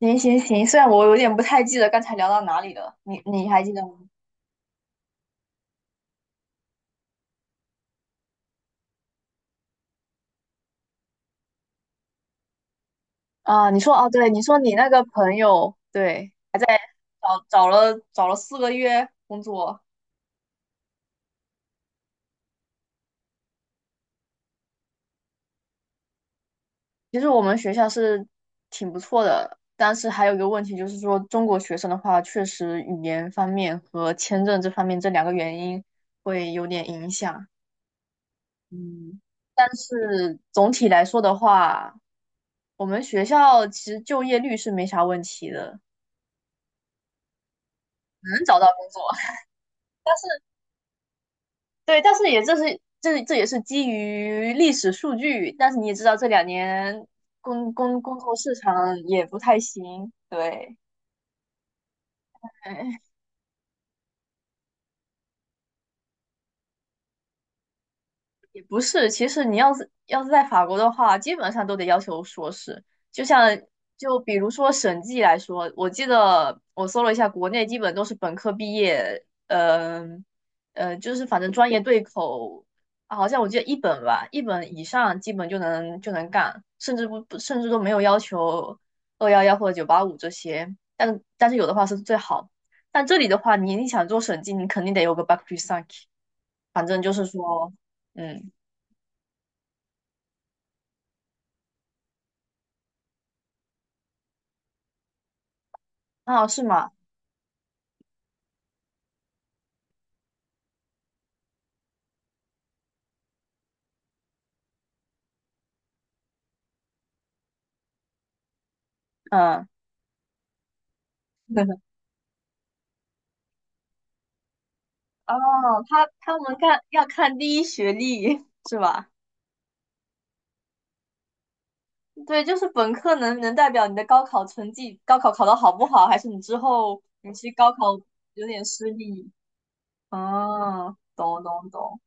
行行行，虽然我有点不太记得刚才聊到哪里了，你还记得吗？啊，你说哦，对，你说你那个朋友，对，找了四个月工作，其实我们学校是挺不错的，但是还有一个问题就是说，中国学生的话，确实语言方面和签证这方面这两个原因会有点影响。嗯，但是总体来说的话，我们学校其实就业率是没啥问题的，能找到工作。但是。对，但是也这也是基于历史数据，但是你也知道这两年工作市场也不太行，对，也不是，其实你要是在法国的话，基本上都得要求硕士。就像就比如说审计来说，我记得我搜了一下，国内基本都是本科毕业，就是反正专业对口，啊好像我记得一本吧，一本以上基本就能干，甚至不不甚至都没有要求二幺幺或者九八五这些，但是有的话是最好。但这里的话，你想做审计，你肯定得有个 bac plus 5，反正就是说。嗯，哦，是吗？嗯，哦，他们要看第一学历是吧？对，就是本科能代表你的高考成绩，高考考得好不好，还是你之后你去高考有点失利？哦，懂懂懂。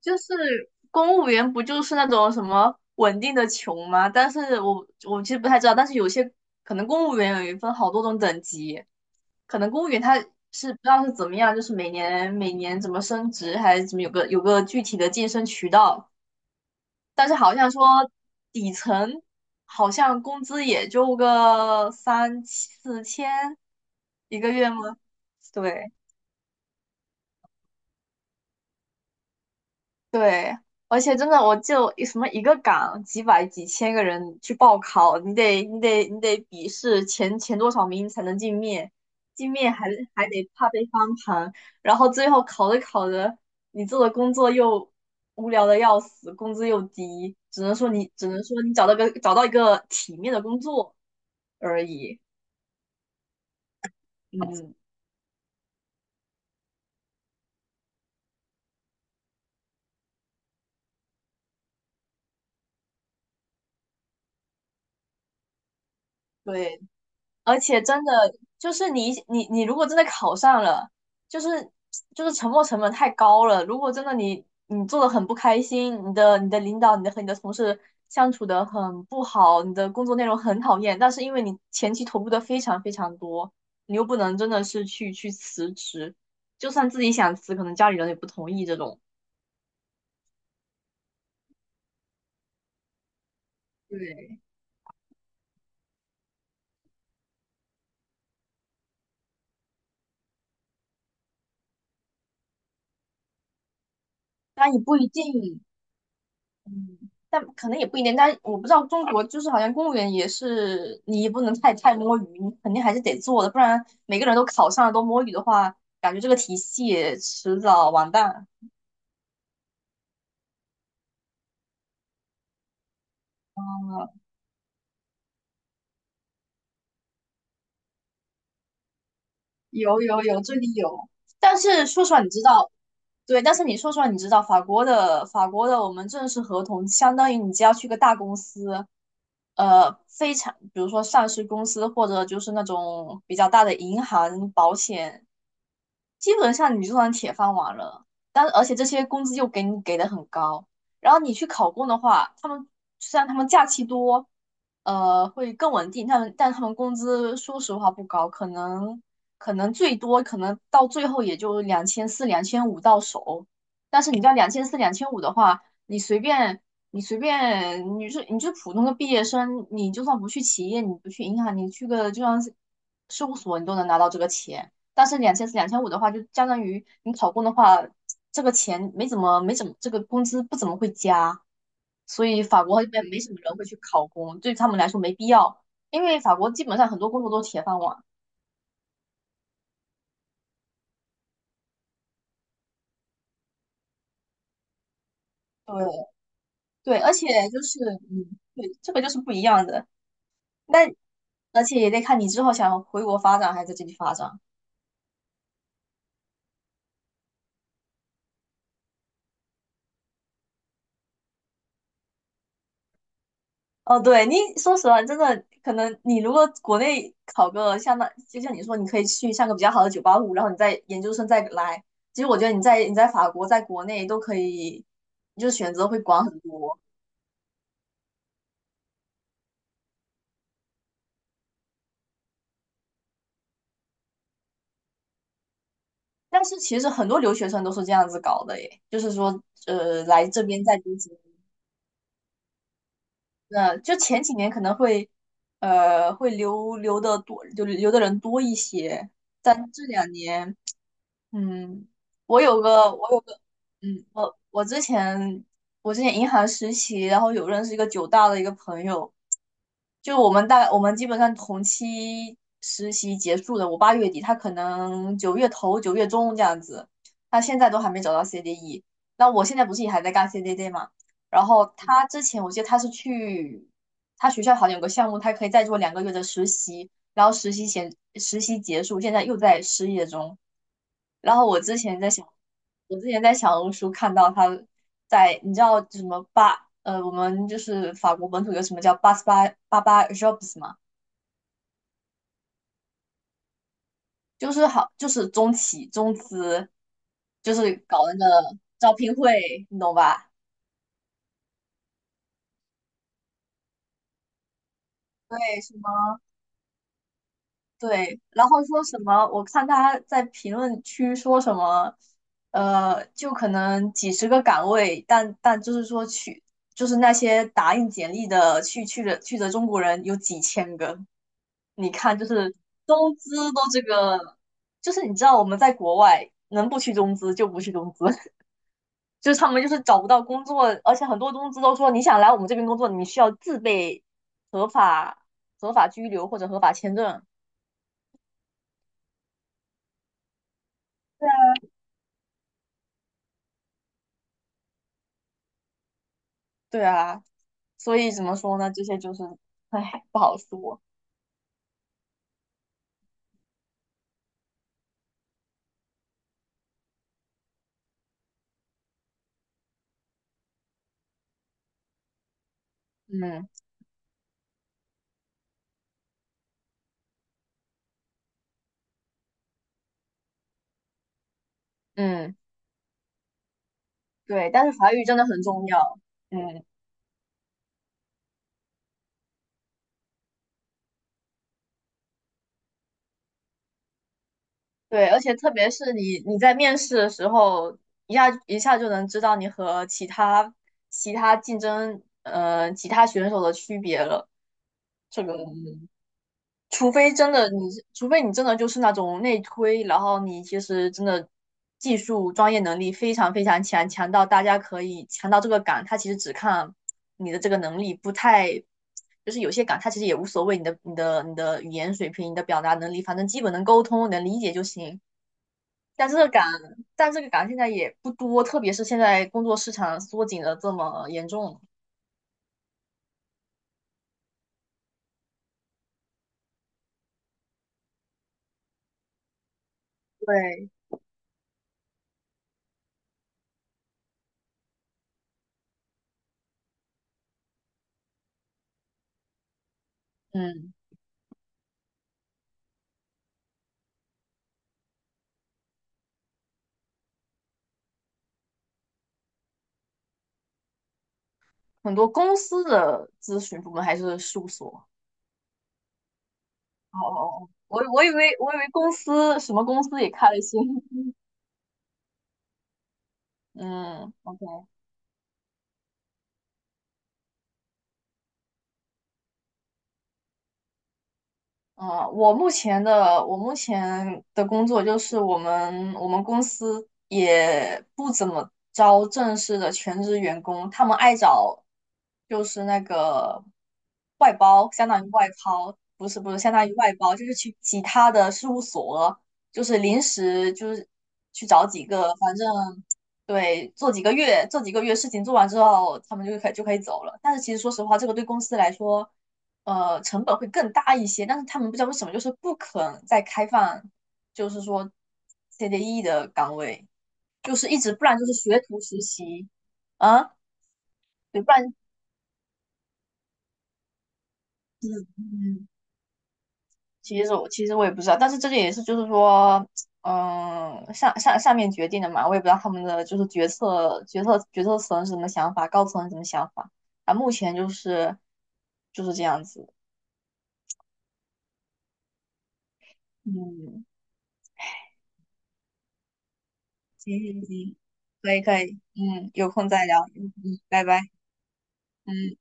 就是公务员不就是那种什么稳定的穷吗？但是我其实不太知道，但是有些可能公务员有一分好多种等级，可能公务员他是不知道是怎么样，就是每年每年怎么升职还是怎么有个具体的晋升渠道，但是好像说底层好像工资也就个三四千一个月吗？对。对，而且真的，我就什么一个岗几百几千个人去报考，你得笔试前多少名才能进面，进面还得怕被翻盘，然后最后考着考着，你做的工作又无聊的要死，工资又低，只能说你找到一个体面的工作而已。嗯，对，而且真的就是你如果真的考上了，就是就是沉没成本太高了。如果真的你做的很不开心，你的领导和你的同事相处的很不好，你的工作内容很讨厌，但是因为你前期投入的非常非常多，你又不能真的是去辞职，就算自己想辞，可能家里人也不同意这种。对，但也不一定，嗯，但可能也不一定，但我不知道中国就是好像公务员也是，你也不能太摸鱼，你肯定还是得做的，不然每个人都考上了都摸鱼的话，感觉这个体系迟早完蛋。嗯有有有，这里有。但是说实话，你知道，对，但是你说出来，你知道法国的我们正式合同，相当于你只要去个大公司，非常，比如说上市公司或者就是那种比较大的银行、保险，基本上你就算铁饭碗了。但而且这些工资又给你给的很高，然后你去考公的话，虽然他们假期多，会更稳定，但他们工资说实话不高，可能最多可能到最后也就两千四、两千五到手。但是你知道两千四、两千五的话，你随便你是普通的毕业生，你就算不去企业，你不去银行，你去个就像是事务所，你都能拿到这个钱。但是两千四、两千五的话，就相当于你考公的话，这个钱没怎么，这个工资不怎么会加。所以法国这边没什么人会去考公，对他们来说没必要，因为法国基本上很多工作都是铁饭碗。对对，而且就是嗯，对，这个就是不一样的。那而且也得看你之后想回国发展还是在这里发展。哦，对，你说实话，真的可能你如果国内考个像那，就像你说，你可以去上个比较好的九八五，然后你在研究生再来。其实我觉得你在法国，在国内都可以，就是选择会广很多。但是其实很多留学生都是这样子搞的耶，就是说，来这边再读几年，那就前几年可能会，会留的多，就留的人多一些，但这两年嗯，我有个，我有个，嗯，我之前银行实习，然后有认识一个九大的一个朋友，就我们基本上同期实习结束的，我八月底，他可能九月头九月中这样子，他现在都还没找到 CDE。那我现在不是也还在干 CDD 嘛？然后他之前我记得他是去他学校好像有个项目，他可以再做两个月的实习，然后实习前实习结束，现在又在失业中。然后我之前在想，我之前在小红书看到他在，你知道什么，我们就是法国本土有什么叫八八 jobs 吗？就是中企中资，就是搞那个招聘会，你懂吧？对，什么对，然后说什么？我看他在评论区说什么，就可能几十个岗位，但就是说去，就是那些打印简历的去的中国人有几千个。你看，就是中资都这个，就是你知道我们在国外能不去中资就不去中资，就是他们就是找不到工作，而且很多中资都说你想来我们这边工作，你需要自备合法合法居留或者合法签证。对啊，所以怎么说呢？这些就是唉，不好说。嗯嗯，对，但是法语真的很重要。嗯，对，而且特别是你在面试的时候，一下一下就能知道你和其他选手的区别了。这个除非真的你是，除非你真的就是那种内推，然后你其实真的技术专业能力非常非常强，强到大家可以强到这个岗，他其实只看你的这个能力，不太就是有些岗他其实也无所谓你的语言水平、你的表达能力，反正基本能沟通、能理解就行。但这个岗，但这个岗现在也不多，特别是现在工作市场缩紧的这么严重，对，嗯，很多公司的咨询部门还是事务所。哦哦哦，我以为公司什么公司也开了新，嗯，OK。嗯，我目前的工作就是我们公司也不怎么招正式的全职员工，他们爱找就是那个外包，相当于外包，不是不是，相当于外包，就是去其他的事务所，就是临时就是去找几个，反正对，做几个月事情做完之后，他们就可以走了。但是其实说实话，这个对公司来说。成本会更大一些，但是他们不知道为什么就是不肯再开放，就是说 CDE 的岗位，就是一直不然就是学徒实习啊，对，不然嗯，其实我也不知道，但是这个也是就是说。嗯，上面决定的嘛，我也不知道他们的就是决策层是什么想法，高层是什么想法。啊，目前就是这样子。嗯，行行行，可以可以，嗯，有空再聊，嗯，拜拜。嗯，